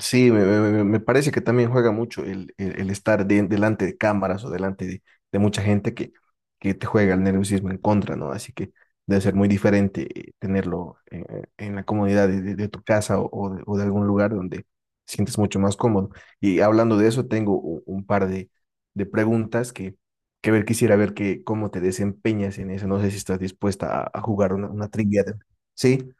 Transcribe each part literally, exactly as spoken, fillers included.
Sí, me, me- me parece que también juega mucho el, el- el estar de- delante de cámaras o delante de, de mucha gente que, que te juega el nerviosismo en contra, ¿no? Así que debe ser muy diferente eh, tenerlo eh, en la comodidad de, de- de tu casa o, o de, o de algún lugar donde sientes mucho más cómodo. Y hablando de eso, tengo u- un par de, de preguntas que, que ver, quisiera ver que, cómo te desempeñas en eso. No sé si estás dispuesta a, a jugar una, una trivia. de- Sí,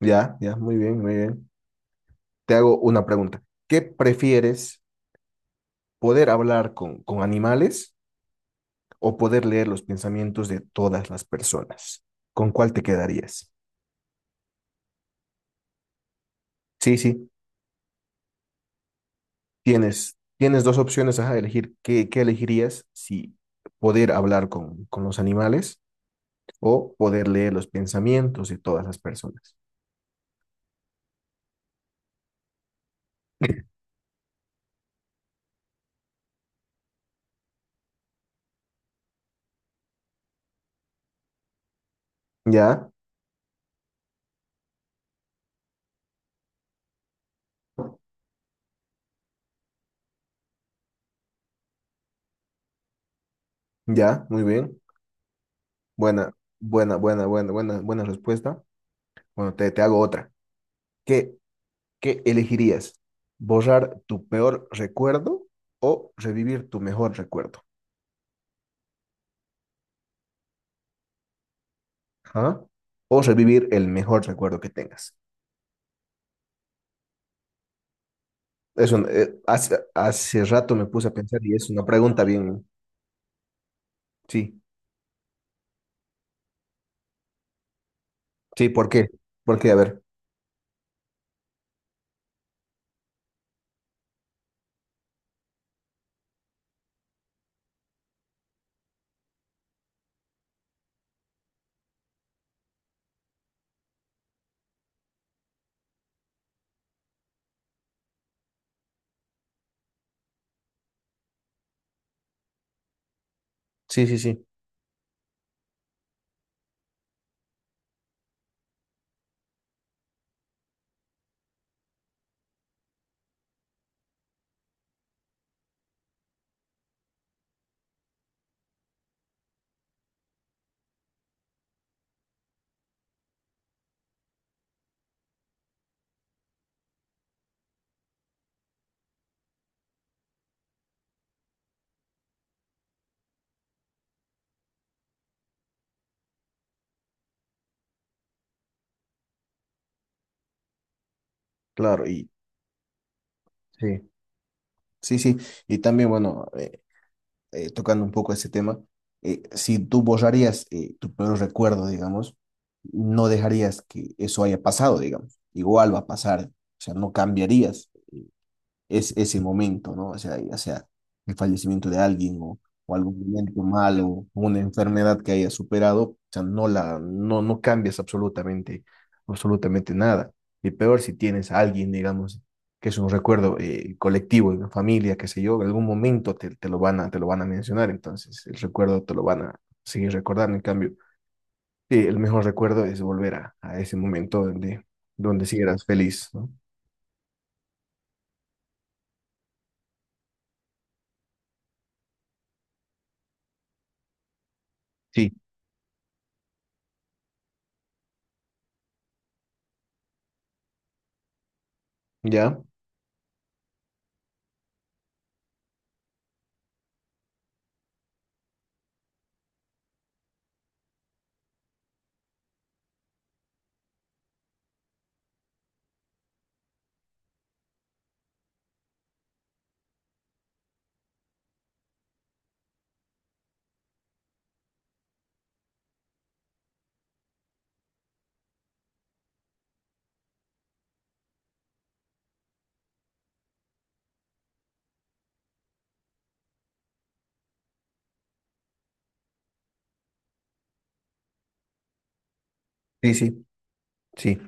ya, ya, muy bien, muy bien. Te hago una pregunta. ¿Qué prefieres, poder hablar con, con animales o poder leer los pensamientos de todas las personas? ¿Con cuál te quedarías? Sí, sí, tienes, tienes dos opciones a elegir. ¿Qué, qué elegirías si poder hablar con, con los animales o poder leer los pensamientos de todas las personas? Ya, ya, muy bien. Buena, buena, buena, buena, buena, buena respuesta. Bueno, te, te hago otra. ¿Qué ¿Qué elegirías? ¿Borrar tu peor recuerdo o revivir tu mejor recuerdo? ¿Ah? O revivir el mejor recuerdo que tengas. Eso, eh, hace, hace rato me puse a pensar y es una pregunta bien. Sí, sí, ¿por qué? ¿Por qué? A ver. Sí, sí, sí, claro. Y sí, sí, sí. Y también, bueno, eh, eh, tocando un poco ese tema, eh, si tú borrarías eh, tu peor recuerdo, digamos, no dejarías que eso haya pasado, digamos. Igual va a pasar, o sea, no cambiarías. Es ese momento, ¿no? O sea, ya sea el fallecimiento de alguien o, o algún momento malo o una enfermedad que haya superado, o sea, no la, no, no cambias absolutamente, absolutamente nada. Y peor si tienes a alguien, digamos, que es un recuerdo eh, colectivo, de una familia, qué sé yo, en algún momento te, te lo van a, te lo van a mencionar, entonces el recuerdo te lo van a seguir recordando. En cambio, eh, el mejor recuerdo es volver a, a ese momento donde, donde sí eras feliz, ¿no? Sí, ya, sí, sí, sí.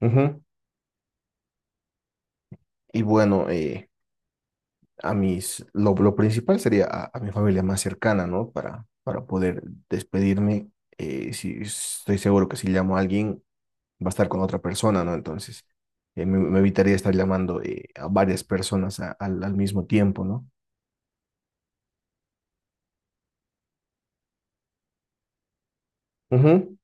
Ujú. Y bueno, eh, a mis, lo, lo principal sería a, a mi familia más cercana, ¿no? Para, para poder despedirme. Eh, si, estoy seguro que si llamo a alguien, va a estar con otra persona, ¿no? Entonces, eh, me, me evitaría estar llamando eh, a varias personas a- al, al mismo tiempo, ¿no? Ujú.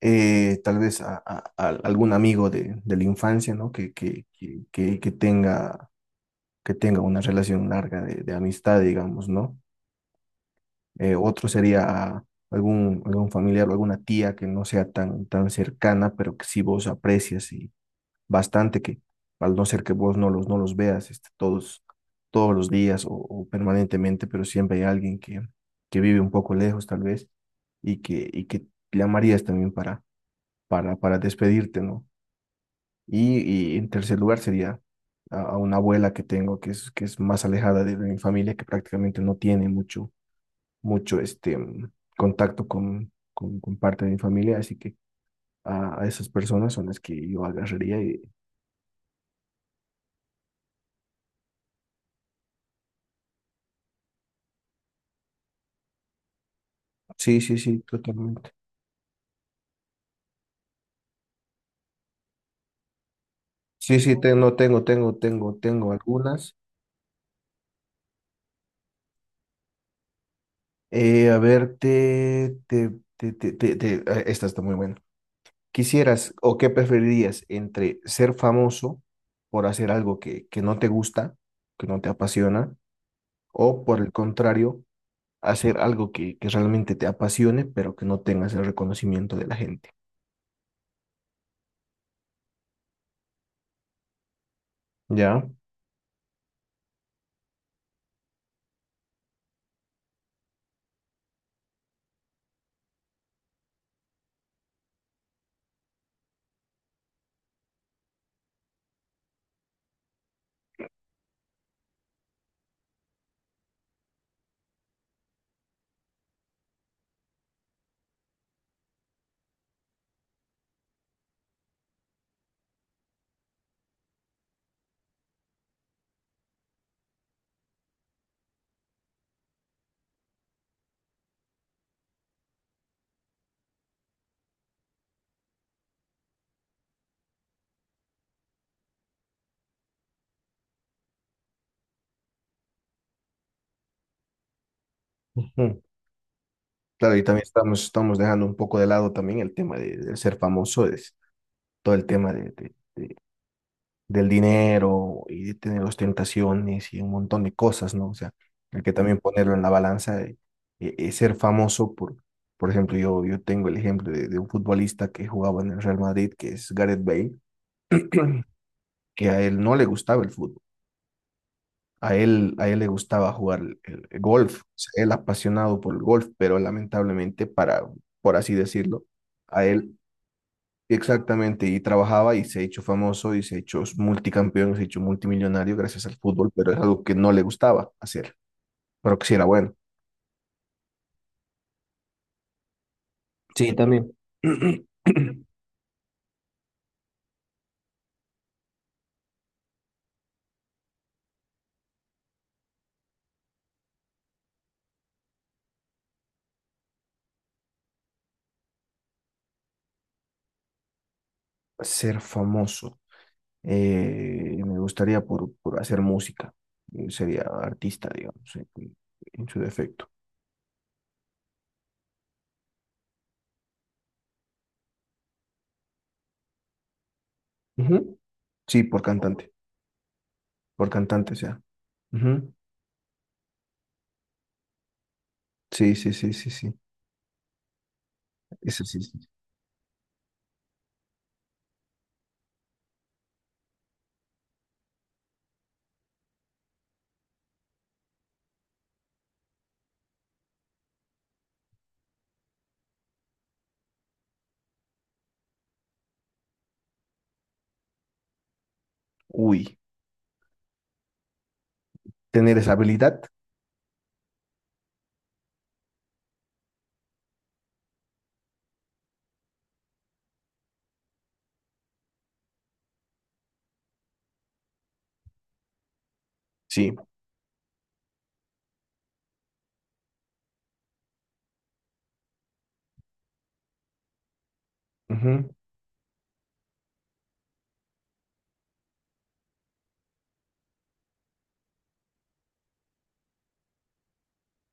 Eh, tal vez a, a- a algún amigo de, de la infancia, ¿no? Que, que, que, que, que tenga, que tenga una relación larga de, de amistad, digamos, ¿no? Eh, otro sería algún, algún familiar o alguna tía que no sea tan, tan cercana, pero que sí vos aprecias y bastante que al no ser que vos no los, no los veas este, todos, todos los días o, o permanentemente, pero siempre hay alguien que, que vive un poco lejos tal vez y que, y que llamarías también para, para, para despedirte, ¿no? Y, y en tercer lugar sería a, a una abuela que tengo que es, que es más alejada de, de mi familia, que prácticamente no tiene mucho mucho este mm, contacto con, con, con parte de mi familia, así que a, a esas personas son las que yo agarraría y sí, sí, sí, totalmente. Sí, sí, tengo, tengo, tengo, tengo, tengo algunas. Eh, a ver, te, te, te, te, te- te- ah, esta está muy buena. ¿Quisieras o qué preferirías entre ser famoso por hacer algo que, que no te gusta, que no te apasiona, o por el contrario, hacer algo que, que realmente te apasione, pero que no tengas el reconocimiento de la gente? Ya. Ujú. Claro, y también estamos, estamos dejando un poco de lado también el tema de, de ser famoso, es todo el tema de, de- de- del dinero y de tener ostentaciones y un montón de cosas, ¿no? O sea, hay que también ponerlo en la balanza de, eh, eh, ser famoso por, por ejemplo, yo, yo tengo el ejemplo de, de un futbolista que jugaba en el Real Madrid, que es Gareth Bale, que a él no le gustaba el fútbol. A él, a él le gustaba jugar el, el golf, o sea, él apasionado por el golf, pero lamentablemente para, por así decirlo, a él exactamente, y trabajaba y se ha hecho famoso y se ha hecho multicampeón, se ha hecho multimillonario gracias al fútbol, pero es algo que no le gustaba hacer, pero que sí era bueno. Sí, también. Ser famoso, eh, me gustaría por, por hacer música, eh, sería artista, digamos, en, en su defecto. Ujú. Sí, por cantante, por cantante, o sea. Ujú. Sí, sí, sí, sí, sí. Eso sí. Sí. Uy, tener esa habilidad. Sí. Ujú.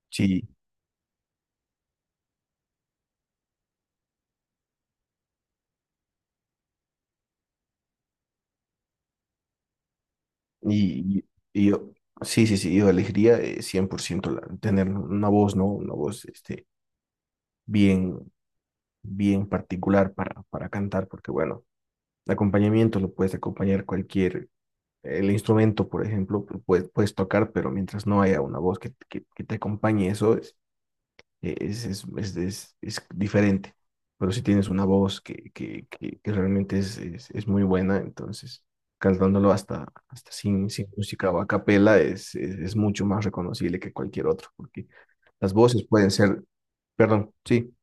Sí. Y, y- y yo, sí, sí, sí, yo elegiría eh, cien por ciento la- tener una voz, ¿no? Una voz este, bien, bien particular para, para cantar, porque bueno, el acompañamiento lo puedes acompañar cualquier, el instrumento, por ejemplo, lo puedes, puedes tocar, pero mientras no haya una voz que, que, que te acompañe, eso es, eh, es, es, es, es- es diferente. Pero si tienes una voz que, que, que, que realmente es, es, es muy buena, entonces cantándolo hasta, hasta sin, sin música o a capela es, es, es mucho más reconocible que cualquier otro, porque las voces pueden ser, perdón, sí,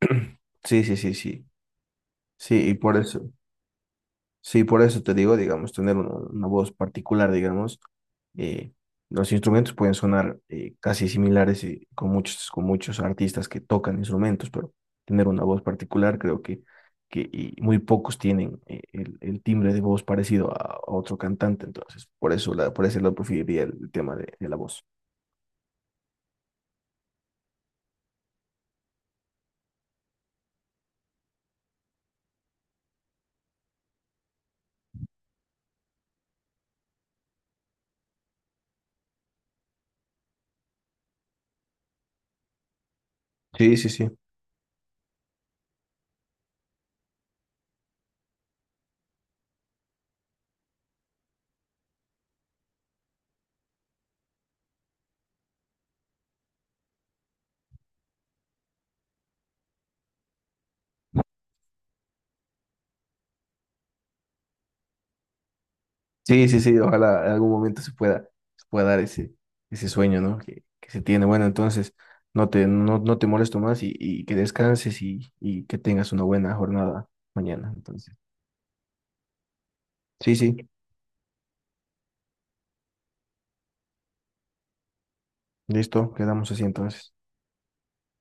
sí, sí, sí, sí, sí, y por eso. Sí, por eso te digo, digamos, tener una, una voz particular, digamos, eh, los instrumentos pueden sonar eh, casi similares eh, con muchos, con muchos artistas que tocan instrumentos, pero tener una voz particular creo que, que y muy pocos tienen eh, el, el timbre de voz parecido a, a otro cantante, entonces por eso, la, por ese lado preferiría el tema de, de la voz. Sí, sí, sí. Sí, sí, sí, ojalá en algún momento se pueda, se pueda dar ese, ese sueño, ¿no? Que, que se tiene. Bueno, entonces no te, no, no te molesto más y, y que descanses y, y que tengas una buena jornada mañana. Entonces, sí, sí, listo, quedamos así entonces.